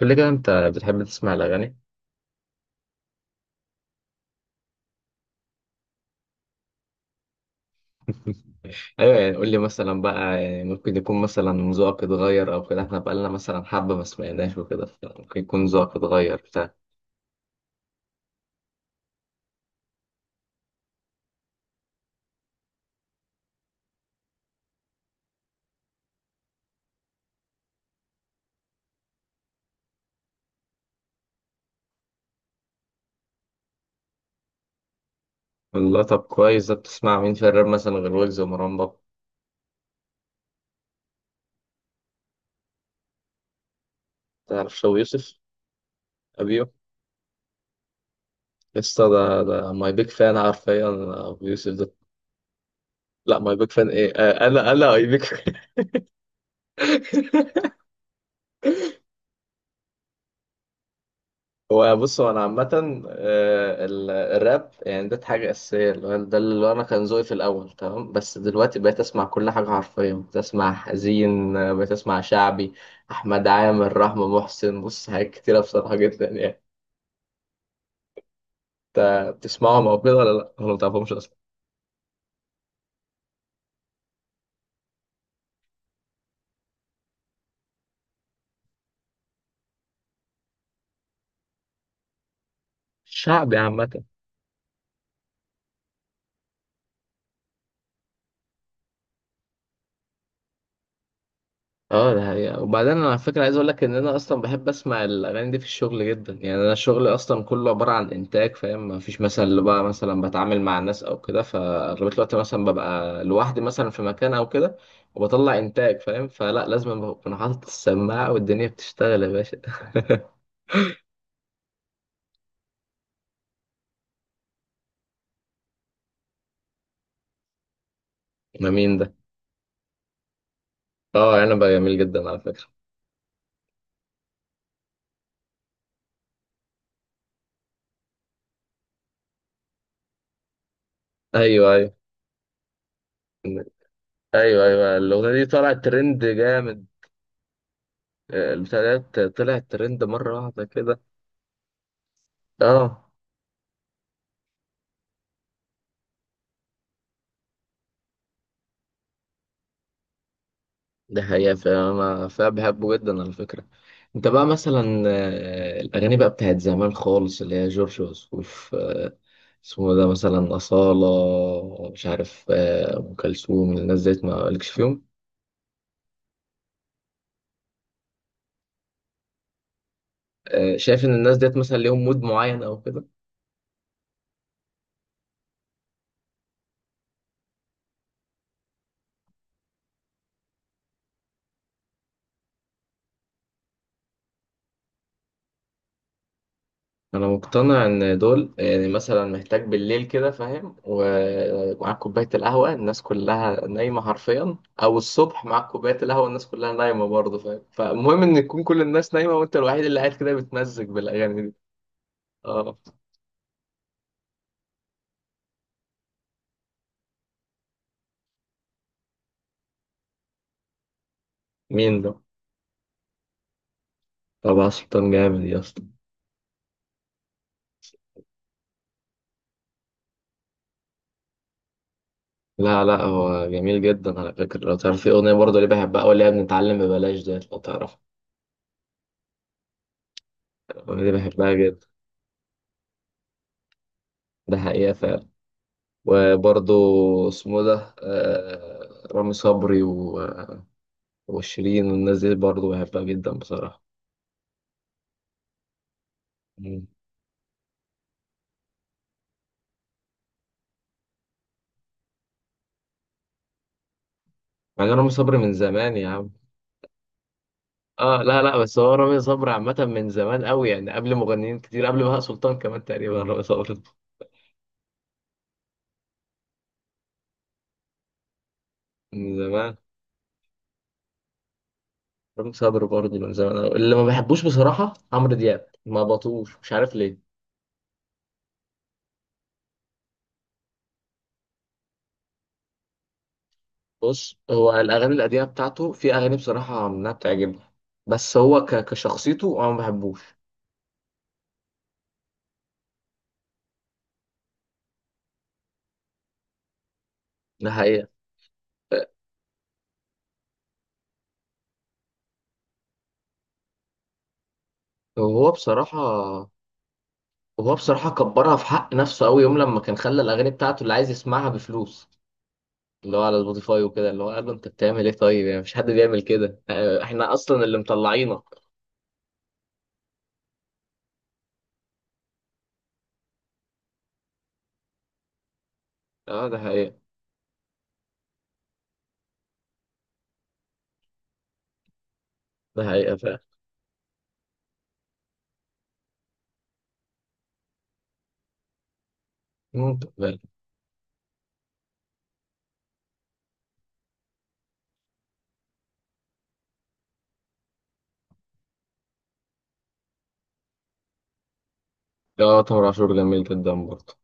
قول لي كده، انت بتحب تسمع الاغاني؟ ايوه، يعني قول لي مثلا بقى، يعني ممكن يكون مثلا ذوقك اتغير او كده، احنا بقالنا مثلا حبه ما سمعناش وكده، ممكن يكون ذوقك اتغير بتاع. والله طب كويس، ده بتسمع مين في الراب مثلا غير ويجز ومروان بابا؟ تعرف شو يوسف؟ ابيو لسه، ده ماي بيج فان حرفيا، ابو يوسف ده. لا، ماي بيج فان ايه، انا اي بيج. هو بص، هو انا عامه، الراب يعني ده حاجه اساسيه، اللي هو ده اللي انا كان ذوقي في الاول تمام. بس دلوقتي بقيت اسمع كل حاجه حرفيا، بقيت اسمع حزين، بقيت اسمع شعبي. احمد عامر، رحمه محسن، بص حاجات كتيره بصراحه جدا يعني. انت بتسمعهم او كده، ولا لا، ولا ما بتعرفهمش اصلا؟ شعبي عامه. اه ده حقيقة، وبعدين انا على فكرة عايز اقول لك ان انا اصلا بحب اسمع الاغاني دي في الشغل جدا يعني. انا شغلي اصلا كله عبارة عن انتاج، فاهم، ما فيش مثلا اللي بقى مثلا بتعامل مع الناس او كده، فاغلبية الوقت مثلا ببقى لوحدي مثلا في مكان او كده. وبطلع انتاج، فاهم، فلا لازم اكون حاطط السماعة والدنيا بتشتغل يا باشا. ما مين ده؟ اه انا بقى جميل جدا على فكرة. ايوه، ايوه. ايوه، ايوه، الاغنية دي طلعت ترند جامد. البتاع ده طلعت ترند مرة واحدة كده. اه ده حقيقة، فأنا بحبه جدا على فكرة. أنت بقى مثلا، الأغاني بقى بتاعت زمان خالص اللي هي جورج وسوف، اسمه ده مثلا أصالة، مش عارف، أم كلثوم، الناس ديت ما لكش فيهم؟ شايف إن الناس ديت مثلا ليهم مود معين أو كده؟ انا مقتنع ان دول، يعني مثلا محتاج بالليل كده، فاهم، ومعاك كوبايه القهوه الناس كلها نايمه حرفيا. او الصبح معاك كوبايه القهوه الناس كلها نايمه برضه، فاهم، فالمهم ان تكون كل الناس نايمه وانت الوحيد اللي قاعد كده بتمزج بالاغاني دي. اه، مين ده؟ طبعا سلطان جامد يا اسطى. لا، لا، هو جميل جدا على فكره، لو تعرف في اغنيه برضه اللي بحبها قوي اللي هي بنتعلم ببلاش ديت، لو تعرف. الاغنيه دي بحبها جدا. ده حقيقه فعلا. وبرضه، اسمه ده، رامي صبري وشيرين والناس دي برضه بحبها جدا بصراحة. مم. مع إن رامي صبري من زمان يا عم. اه، لا، لا، بس هو رامي صبري عامة من زمان قوي، يعني قبل مغنيين كتير، قبل بهاء سلطان كمان تقريبا رامي صبري. من زمان. رامي صبري برضه من زمان قوي. اللي ما بحبوش بصراحة عمرو دياب، ما بطوش، مش عارف ليه. بص، هو الأغاني القديمة بتاعته في أغاني بصراحة منها بتعجبني. بس هو كشخصيته أنا ما بحبوش. ده حقيقة. هو بصراحة. وهو بصراحة كبرها في حق نفسه قوي، يوم لما كان خلى الأغاني بتاعته اللي عايز يسمعها بفلوس. اللي هو على سبوتيفاي وكده، اللي هو قال له أنت بتعمل إيه؟ طيب يعني مفيش حد بيعمل كده، إحنا أصلا اللي مطلعينك. أه ده حقيقة. ده حقيقة فعلا. ممكن فعلا. لا، تامر عاشور جميل جدا برضه.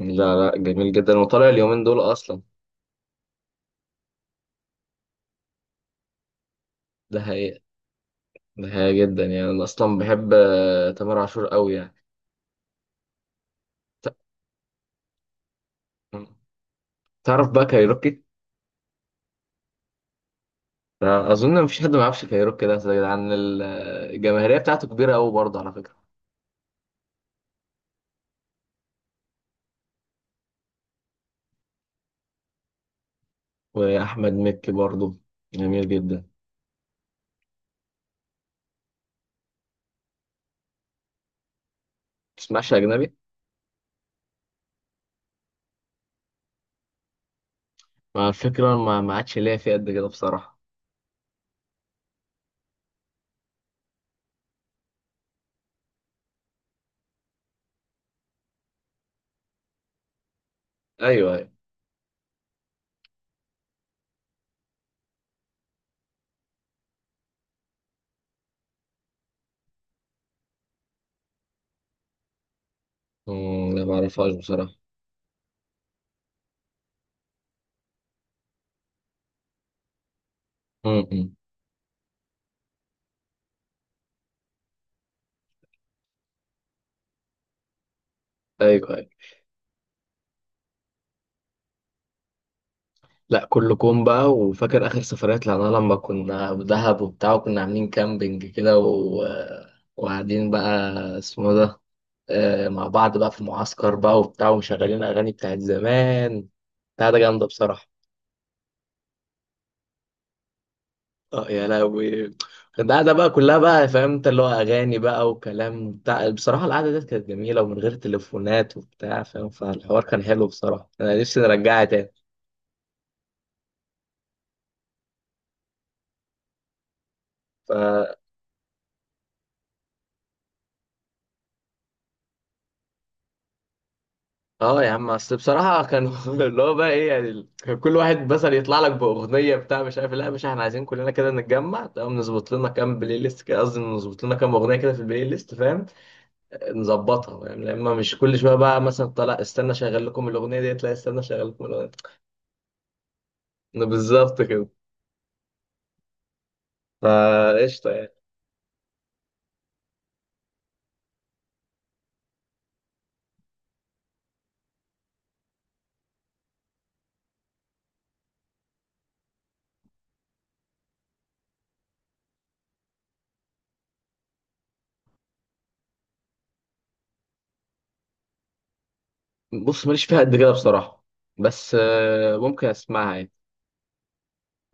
لا، لا، جميل جدا وطالع اليومين دول أصلا. ده حقيقة. ده حقيقة جدا، يعني أنا أصلا بحب، تامر عاشور قوي يعني. ت- تعرف بقى كايروكي؟ أظن مفيش حد ما يعرفش كايروكي ده يا جدعان، الجماهيرية بتاعته كبيرة قوي برضه على فكرة. واحمد مكي برضه جميل جدا. تسمعش اجنبي؟ مع الفكره ما عادش ليا فيه قد كده بصراحه. ايوه، ايوه. مم، لا ما اعرفهاش بصراحه. امم ايوه، ايوه. لا، كله كوم بقى، وفاكر اخر سفرية طلعناها لما كنا دهب وبتاع، وكنا عاملين كامبينج كده وقاعدين بقى، اسمه ده، مع بعض بقى في المعسكر بقى وبتاع ومشغلين اغاني بتاعت زمان. بتاع ده جامده بصراحه. اه يا لهوي. القعدة بقى كلها بقى، فاهم انت، اللي هو أغاني بقى وكلام بتاع، بصراحة القعدة ديت كانت جميلة ومن غير تليفونات وبتاع، فاهم، فالحوار كان حلو بصراحة، أنا نفسي نرجعها تاني. فا اه يا عم، أصل بصراحة كان اللي هو بقى إيه، يعني كان كل واحد مثلا يطلع لك بأغنية بتاع مش عارف إيه. لا، مش احنا عايزين كلنا كده نتجمع، تمام نظبط لنا كام بلاي ليست، كده قصدي نظبط لنا كام أغنية كده في البلاي ليست، فاهم. نظبطها، فاهم، لأما مش كل شوية بقى مثلا طلع استنى شغل لكم الأغنية ديت، لا استنى شغل لكم الأغنية. بالظبط كده. فقشطة يعني. بص، ماليش فيها قد كده بصراحة. بس، ممكن اسمعها يعني.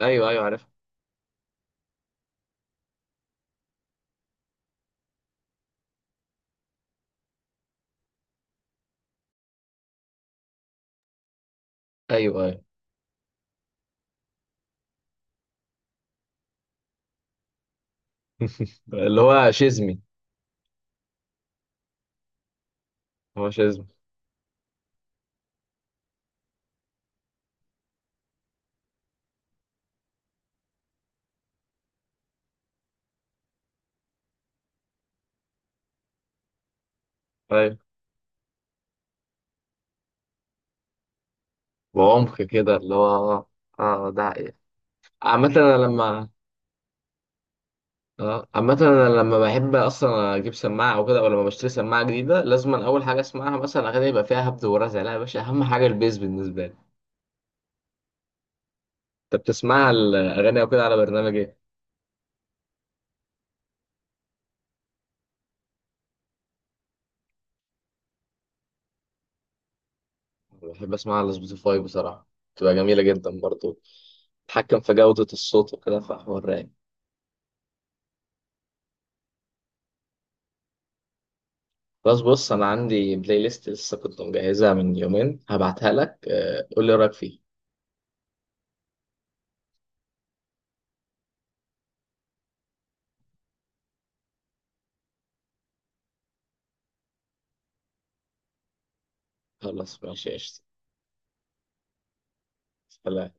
ايوه، ايوه، عارف. ايوه، ايوه. اللي هو شزمي؟ هو شزمي. ايوه. وعمق كده اللي هو اه. ده حقيقة. عامة انا لما. اه عامة، انا لما بحب اصلا اجيب سماعة او كده، او لما بشتري سماعة جديدة، لازم اول حاجة اسمعها مثلا اغاني يبقى فيها هبد ورزع. لا يا باشا، اهم حاجة البيز بالنسبة لي. انت بتسمعها الاغاني او كده على برنامج ايه؟ بحب اسمعها على سبوتيفاي بصراحة. بتبقى جميلة جدا برضه. اتحكم في جودة الصوت وكده، فحوار رايق. بس بص، أنا عندي بلاي ليست لسه كنت مجهزها من يومين، هبعتها لك، قول لي رأيك فيه. خلاص ماشي قشطة. سلام.